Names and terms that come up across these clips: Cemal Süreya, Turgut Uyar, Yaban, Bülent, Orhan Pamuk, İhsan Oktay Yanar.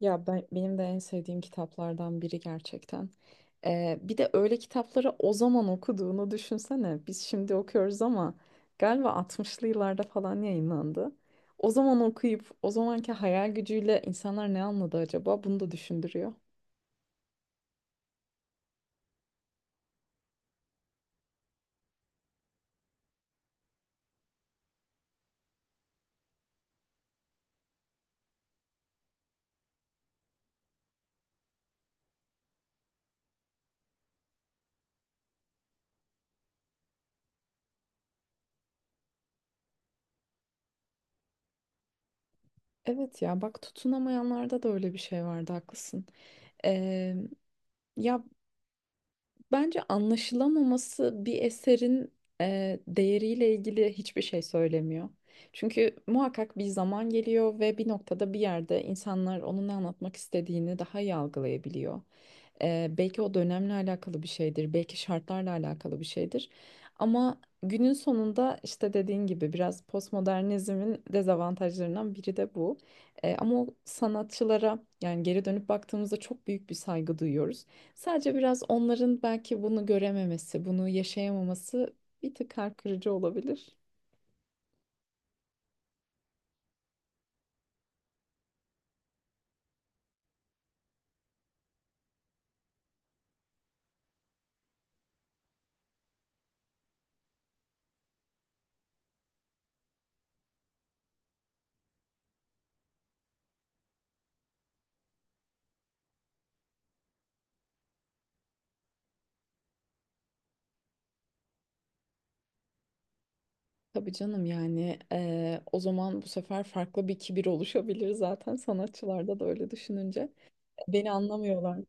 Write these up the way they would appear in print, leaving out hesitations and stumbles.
Ya ben, benim de en sevdiğim kitaplardan biri gerçekten. Bir de öyle kitapları o zaman okuduğunu düşünsene. Biz şimdi okuyoruz ama galiba 60'lı yıllarda falan yayınlandı. O zaman okuyup o zamanki hayal gücüyle insanlar ne anladı acaba? Bunu da düşündürüyor. Evet ya bak, tutunamayanlarda da öyle bir şey vardı, haklısın. Ee, ya Bence anlaşılamaması bir eserin değeriyle ilgili hiçbir şey söylemiyor. Çünkü muhakkak bir zaman geliyor ve bir noktada bir yerde insanlar onun ne anlatmak istediğini daha iyi algılayabiliyor. Belki o dönemle alakalı bir şeydir, belki şartlarla alakalı bir şeydir. Ama günün sonunda işte dediğin gibi biraz postmodernizmin dezavantajlarından biri de bu. Ama o sanatçılara yani geri dönüp baktığımızda çok büyük bir saygı duyuyoruz. Sadece biraz onların belki bunu görememesi, bunu yaşayamaması bir tık kalp kırıcı olabilir. Tabii canım, yani o zaman bu sefer farklı bir kibir oluşabilir zaten sanatçılarda da öyle düşününce. Beni anlamıyorlar.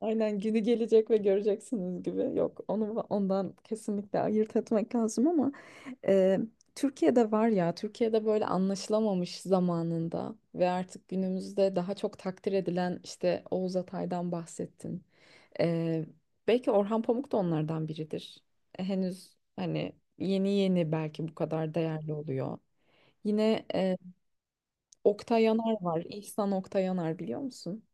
Aynen, günü gelecek ve göreceksiniz gibi. Yok, onu ondan kesinlikle ayırt etmek lazım ama e, Türkiye'de var ya, Türkiye'de böyle anlaşılamamış zamanında ve artık günümüzde daha çok takdir edilen işte Oğuz Atay'dan bahsettin. E, Belki Orhan Pamuk da onlardan biridir. E, henüz hani yeni yeni belki bu kadar değerli oluyor. Yine Oktay Yanar var. İhsan Oktay Yanar, biliyor musun?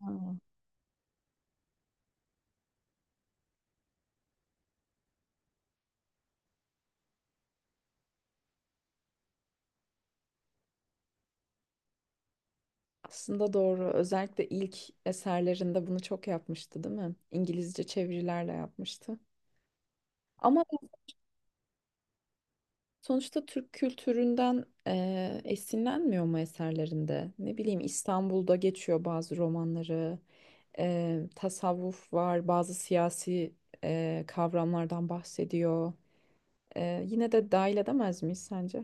Ha. Aslında doğru. Özellikle ilk eserlerinde bunu çok yapmıştı, değil mi? İngilizce çevirilerle yapmıştı. Ama sonuçta Türk kültüründen esinlenmiyor mu eserlerinde? Ne bileyim, İstanbul'da geçiyor bazı romanları. Tasavvuf var, bazı siyasi kavramlardan bahsediyor. Yine de dahil edemez miyiz sence?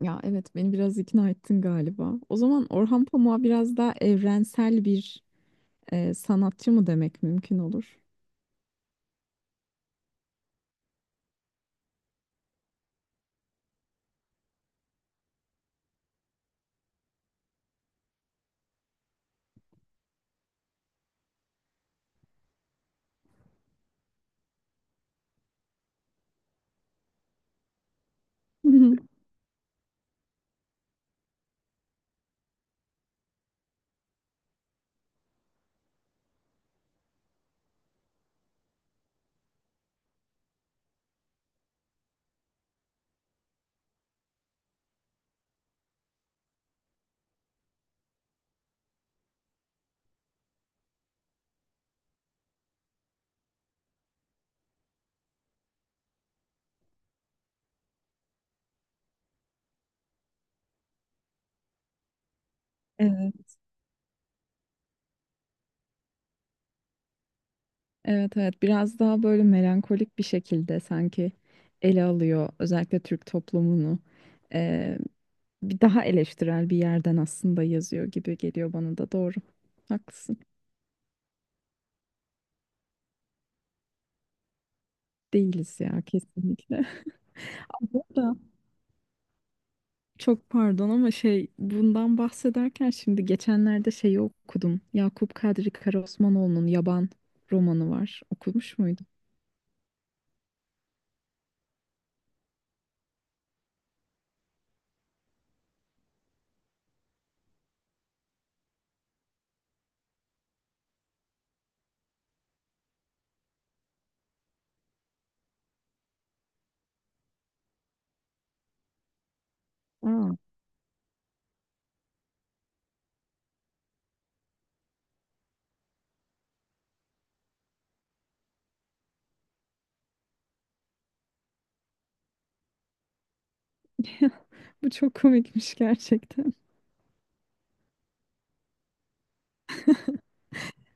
Ya evet, beni biraz ikna ettin galiba. O zaman Orhan Pamuk'a biraz daha evrensel bir sanatçı mı demek mümkün olur? Evet, evet, evet. Biraz daha böyle melankolik bir şekilde sanki ele alıyor özellikle Türk toplumunu. Ee, Bir daha eleştirel bir yerden aslında yazıyor gibi geliyor bana da, doğru. Haklısın. Değiliz ya, kesinlikle. Da. Çok pardon ama şey, bundan bahsederken şimdi geçenlerde şeyi okudum. Yakup Kadri Karaosmanoğlu'nun Yaban romanı var. Okumuş muydun? Aa, bu çok komikmiş gerçekten.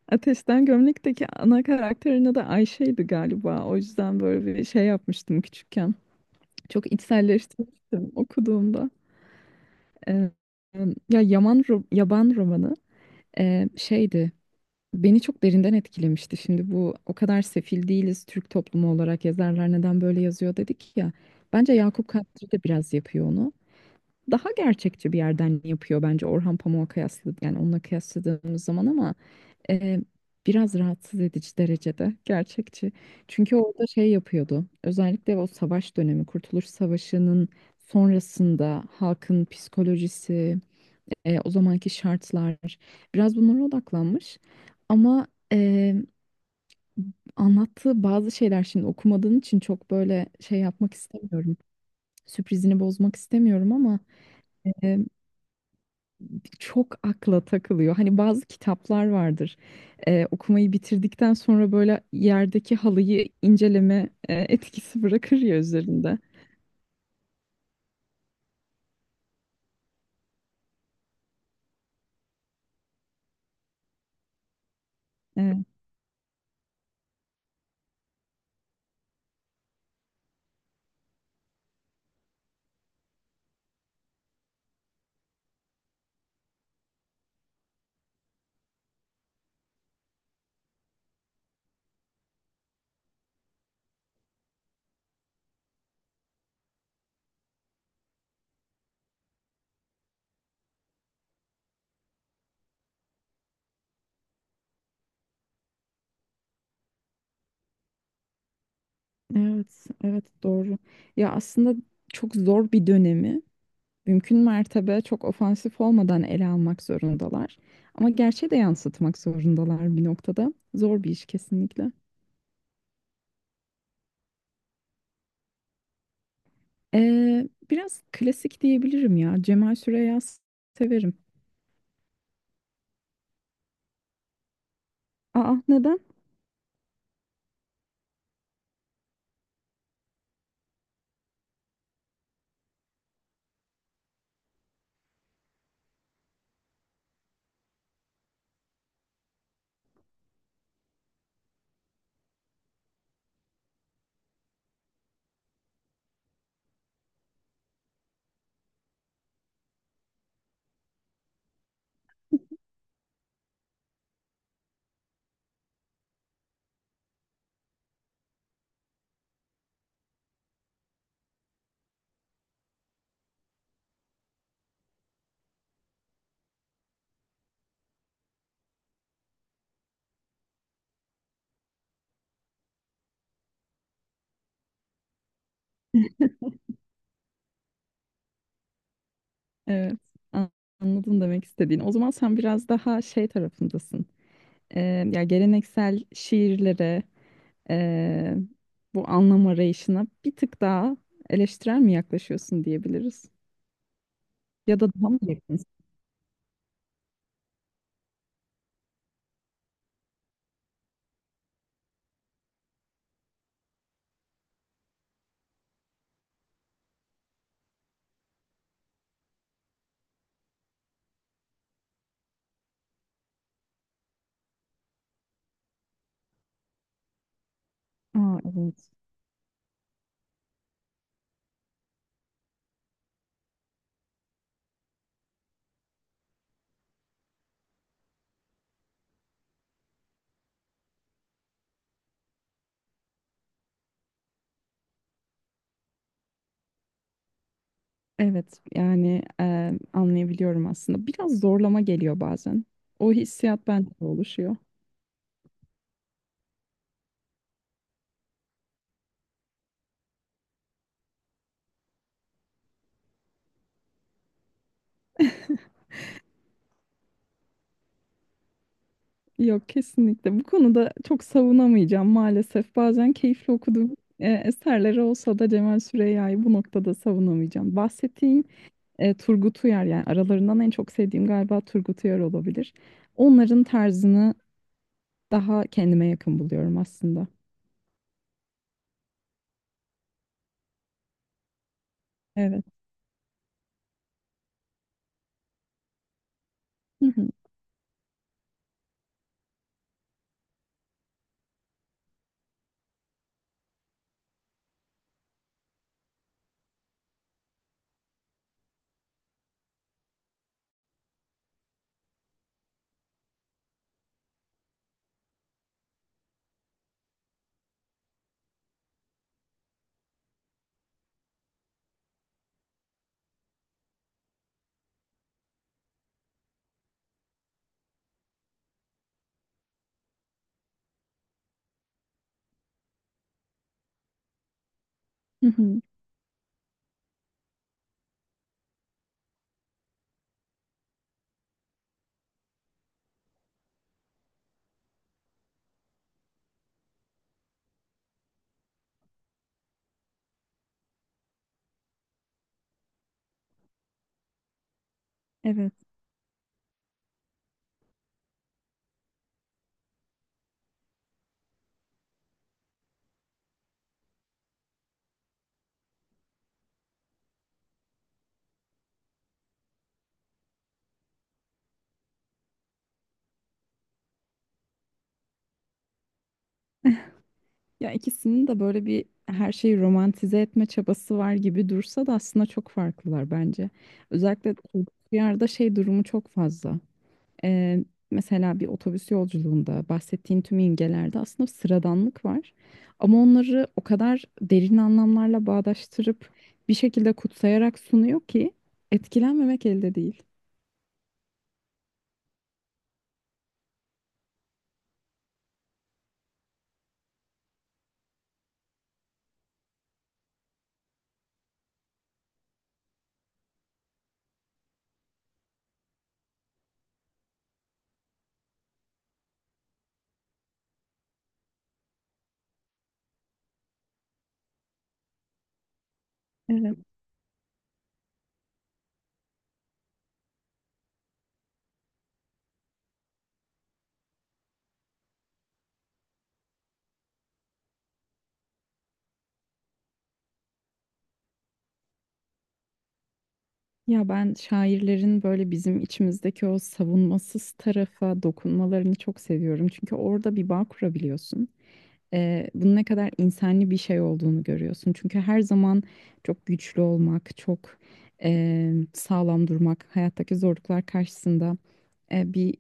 Ateşten Gömlek'teki ana karakterin adı Ayşe'ydi galiba. O yüzden böyle bir şey yapmıştım küçükken. Çok içselleştirmiştim okuduğumda. Ee, ya Yaban romanı şeydi. Beni çok derinden etkilemişti. Şimdi bu o kadar sefil değiliz Türk toplumu olarak, yazarlar neden böyle yazıyor dedik ya. Bence Yakup Kadri de biraz yapıyor onu. Daha gerçekçi bir yerden yapıyor bence Orhan Pamuk'a kıyaslı, yani onunla kıyasladığımız zaman, ama e, biraz rahatsız edici derecede gerçekçi. Çünkü orada şey yapıyordu. Özellikle o savaş dönemi, Kurtuluş Savaşı'nın sonrasında halkın psikolojisi, o zamanki şartlar, biraz bunlara odaklanmış. Ama e, anlattığı bazı şeyler, şimdi okumadığın için çok böyle şey yapmak istemiyorum. Sürprizini bozmak istemiyorum ama çok akla takılıyor. Hani bazı kitaplar vardır. Okumayı bitirdikten sonra böyle yerdeki halıyı inceleme etkisi bırakır ya üzerinde. Evet, evet, evet, doğru. Ya aslında çok zor bir dönemi mümkün mertebe çok ofansif olmadan ele almak zorundalar. Ama gerçeği de yansıtmak zorundalar bir noktada. Zor bir iş kesinlikle. Biraz klasik diyebilirim ya. Cemal Süreya severim. Aa, neden? Evet, an- anladım demek istediğini. O zaman sen biraz daha şey tarafındasın. Ee, ya geleneksel şiirlere, ee, bu anlam arayışına bir tık daha eleştirel mi yaklaşıyorsun diyebiliriz? Ya da daha mı yakınsın? Aa, evet. Evet yani, anlayabiliyorum aslında. Biraz zorlama geliyor bazen. O hissiyat bende de oluşuyor. Yok, kesinlikle. Bu konuda çok savunamayacağım maalesef. Bazen keyifli okuduğum eserleri olsa da Cemal Süreyya'yı bu noktada savunamayacağım. Bahsettiğim Turgut Uyar, yani aralarından en çok sevdiğim galiba Turgut Uyar olabilir. Onların tarzını daha kendime yakın buluyorum aslında. Evet. Hı hı, hı hı. Evet. Ya ikisinin de böyle bir her şeyi romantize etme çabası var gibi dursa da aslında çok farklılar bence. Özellikle yerde şey durumu çok fazla. Ee, Mesela bir otobüs yolculuğunda bahsettiğin tüm imgelerde aslında sıradanlık var. Ama onları o kadar derin anlamlarla bağdaştırıp bir şekilde kutsayarak sunuyor ki etkilenmemek elde değil. Evet. Ya ben şairlerin böyle bizim içimizdeki o savunmasız tarafa dokunmalarını çok seviyorum. Çünkü orada bir bağ kurabiliyorsun. Bunun ne kadar insani bir şey olduğunu görüyorsun. Çünkü her zaman çok güçlü olmak, çok sağlam durmak, hayattaki zorluklar karşısında bir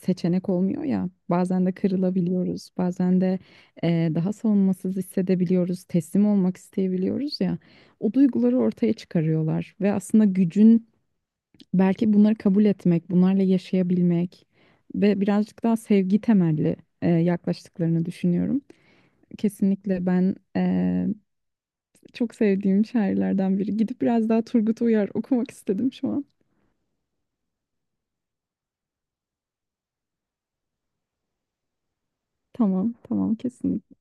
seçenek olmuyor ya. Bazen de kırılabiliyoruz, bazen de daha savunmasız hissedebiliyoruz, teslim olmak isteyebiliyoruz ya. O duyguları ortaya çıkarıyorlar ve aslında gücün belki bunları kabul etmek, bunlarla yaşayabilmek ve birazcık daha sevgi temelli yaklaştıklarını düşünüyorum. Kesinlikle ben, çok sevdiğim şairlerden biri. Gidip biraz daha Turgut Uyar okumak istedim şu an. Tamam, tamam, kesinlikle.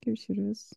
Görüşürüz.